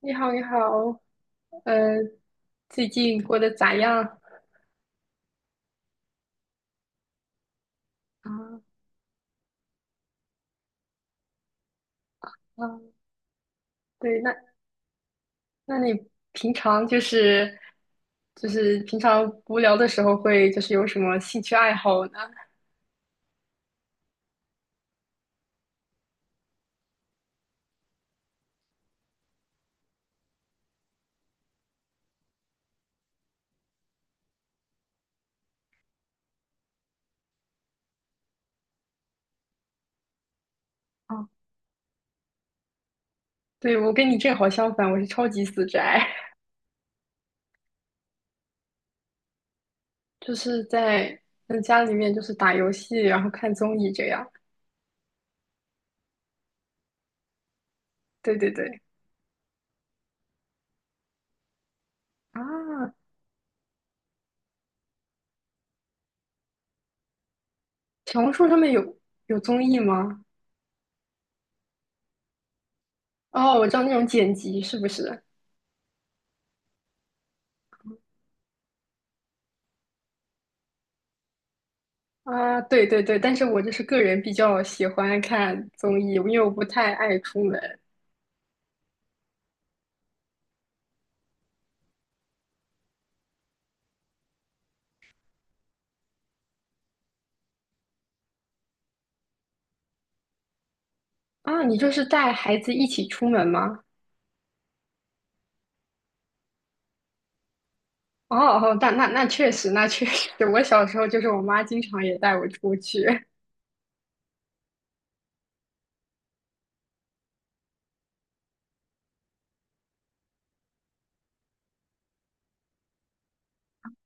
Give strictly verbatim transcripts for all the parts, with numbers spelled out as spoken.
你好，你好，呃，最近过得咋样？啊啊，对，那那你平常就是就是平常无聊的时候会就是有什么兴趣爱好呢？啊，对，我跟你正好相反，我是超级死宅，就是在嗯家里面就是打游戏，然后看综艺这样。对对对，啊，小红书上面有有综艺吗？哦，我知道那种剪辑是不是？啊，对对对，但是我就是个人比较喜欢看综艺，因为我不太爱出门。啊，你就是带孩子一起出门吗？哦哦，那那那确实，那确实，我小时候就是我妈经常也带我出去。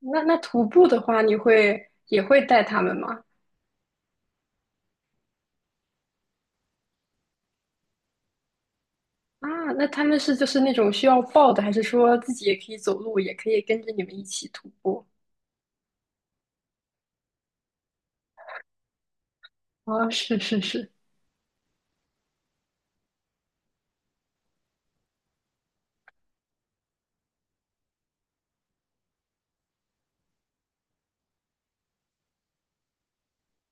那那徒步的话，你会也会带他们吗？啊，那他们是就是那种需要抱的，还是说自己也可以走路，也可以跟着你们一起徒步？啊，是是是，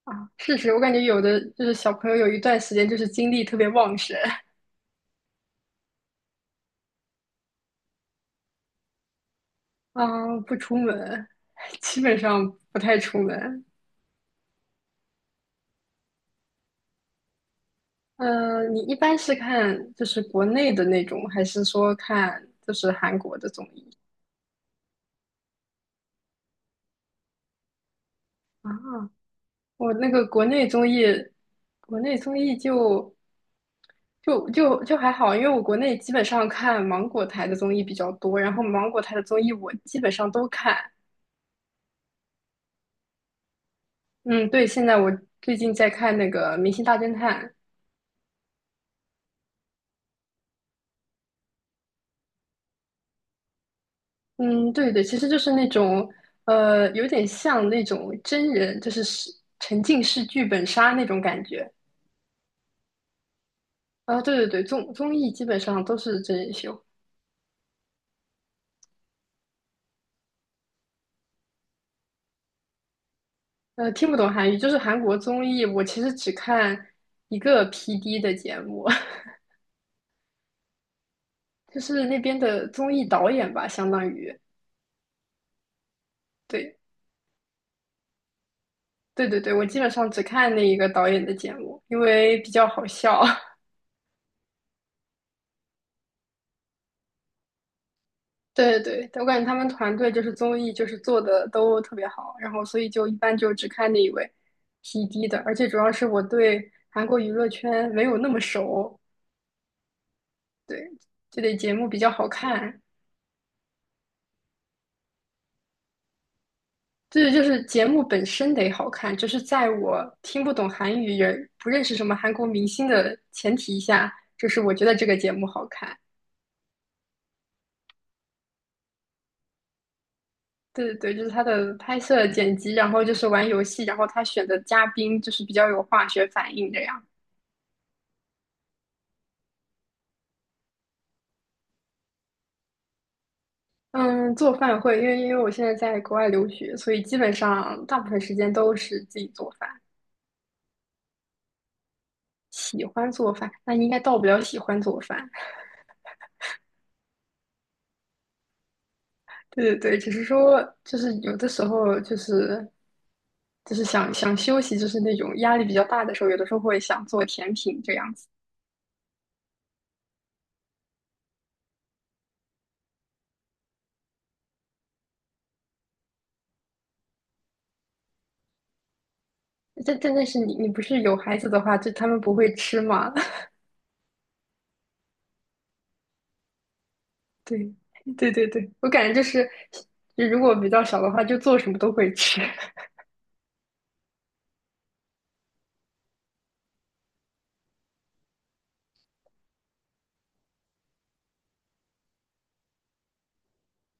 啊，是是，我感觉有的就是小朋友有一段时间就是精力特别旺盛。啊，不出门，基本上不太出门。嗯、你一般是看就是国内的那种，还是说看就是韩国的综艺啊？我那个国内综艺，国内综艺就就就就还好，因为我国内基本上看芒果台的综艺比较多，然后芒果台的综艺我基本上都看。嗯，对，现在我最近在看那个《明星大侦探》，嗯，对对，其实就是那种，呃，有点像那种真人，就是是沉浸式剧本杀那种感觉。啊，对对对，综综艺基本上都是真人秀。呃，听不懂韩语，就是韩国综艺，我其实只看一个 P D 的节目，就是那边的综艺导演吧，相当于。对对对对，我基本上只看那一个导演的节目，因为比较好笑。对对对，我感觉他们团队就是综艺就是做的都特别好，然后所以就一般就只看那一位 P d 的，而且主要是我对韩国娱乐圈没有那么熟，对，就得节目比较好看，对，就是节目本身得好看，就是在我听不懂韩语也不认识什么韩国明星的前提下，就是我觉得这个节目好看。对对对，就是他的拍摄、剪辑，然后就是玩游戏，然后他选的嘉宾就是比较有化学反应这样。嗯，做饭会，因为因为我现在在国外留学，所以基本上大部分时间都是自己做饭。喜欢做饭，那应该到不了喜欢做饭。对对对，只是说就是有的时候就是就是想想休息，就是那种压力比较大的时候，有的时候会想做甜品这样子。但但但是你你不是有孩子的话，就他们不会吃吗？对对对对，我感觉就是，就如果比较小的话，就做什么都会吃。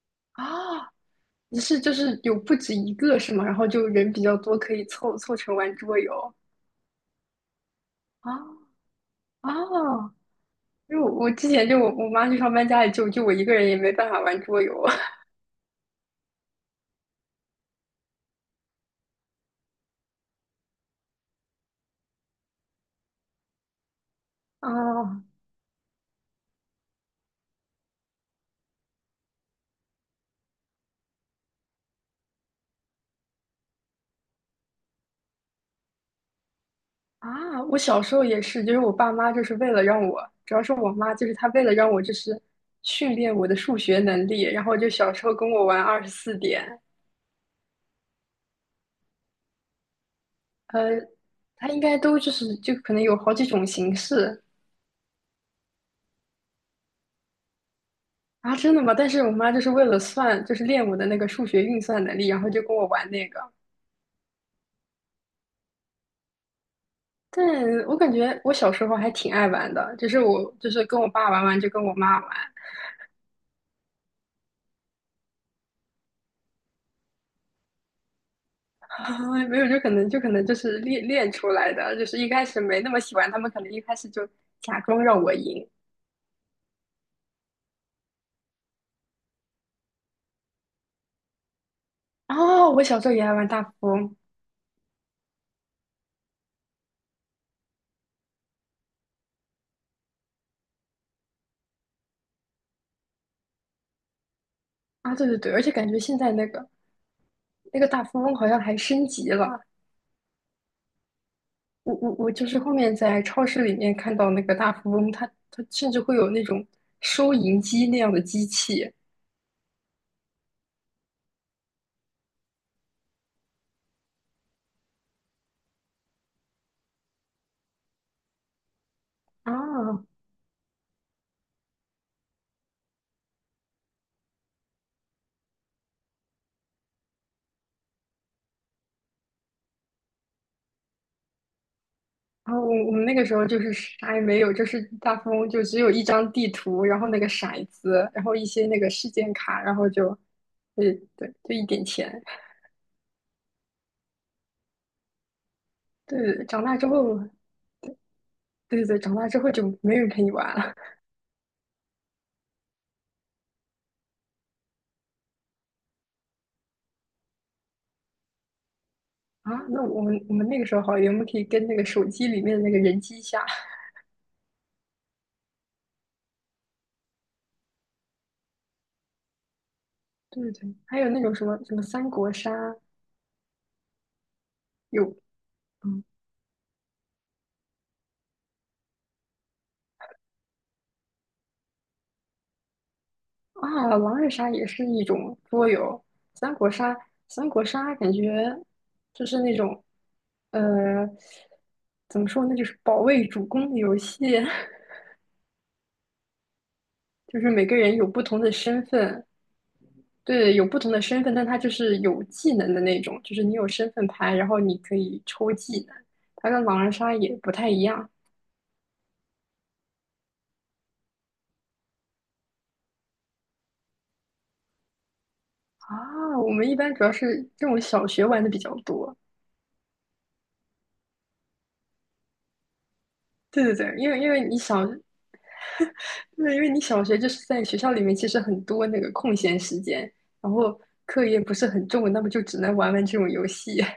啊，你是就是有不止一个是吗？然后就人比较多，可以凑凑成玩桌游啊啊！因为我我之前就我我妈去上班，家里就就我一个人也没办法玩桌游 啊啊！我小时候也是，就是我爸妈就是为了让我，主要是我妈就是她为了让我就是训练我的数学能力，然后就小时候跟我玩二十四点，呃，她应该都就是就可能有好几种形式，啊，真的吗？但是我妈就是为了算，就是练我的那个数学运算能力，然后就跟我玩那个。但我感觉我小时候还挺爱玩的，就是我就是跟我爸玩完就跟我妈玩，没有就可能就可能就是练练出来的，就是一开始没那么喜欢，他们可能一开始就假装让我赢。哦，我小时候也爱玩大富翁啊，对对对，而且感觉现在那个那个大富翁好像还升级了，我我我就是后面在超市里面看到那个大富翁，他他甚至会有那种收银机那样的机器啊。然后我我们那个时候就是啥也没有，就是大富翁就只有一张地图，然后那个骰子，然后一些那个事件卡，然后就，对对，就一点钱。对，长大之后，对对，长大之后就没人陪你玩了啊。那我们我们那个时候好一点，我们可以跟那个手机里面的那个人机下。对对，还有那种什么什么三国杀有。嗯。啊，狼人杀也是一种桌游，三国杀，三国杀感觉就是那种，呃，怎么说呢，就是保卫主公的游戏，就是每个人有不同的身份，对，有不同的身份，但他就是有技能的那种，就是你有身份牌，然后你可以抽技能，它跟狼人杀也不太一样啊。我们一般主要是这种小学玩的比较多，对对对，因为因为你想。对，因为你小学就是在学校里面，其实很多那个空闲时间，然后课业不是很重，那么就只能玩玩这种游戏。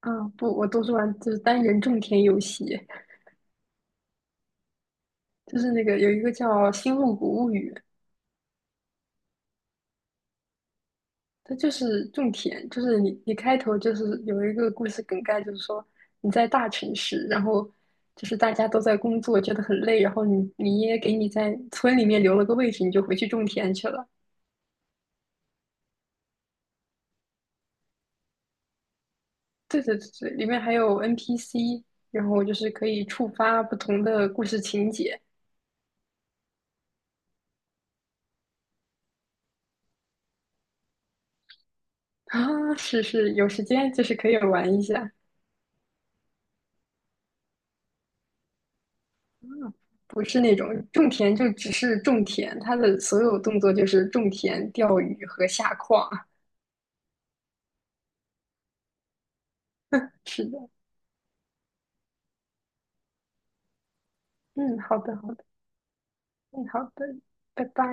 啊，不，我都是玩就是单人种田游戏，就是那个有一个叫《星露谷物语》，它就是种田，就是你你开头就是有一个故事梗概，就是说你在大城市，然后就是大家都在工作，觉得很累，然后你你爷爷给你在村里面留了个位置，你就回去种田去了。对对对对，里面还有 N P C，然后就是可以触发不同的故事情节啊，是是，有时间就是可以玩一下，不是那种种田就只是种田，它的所有动作就是种田、钓鱼和下矿啊。是的，嗯，好的好的，嗯好的，拜拜。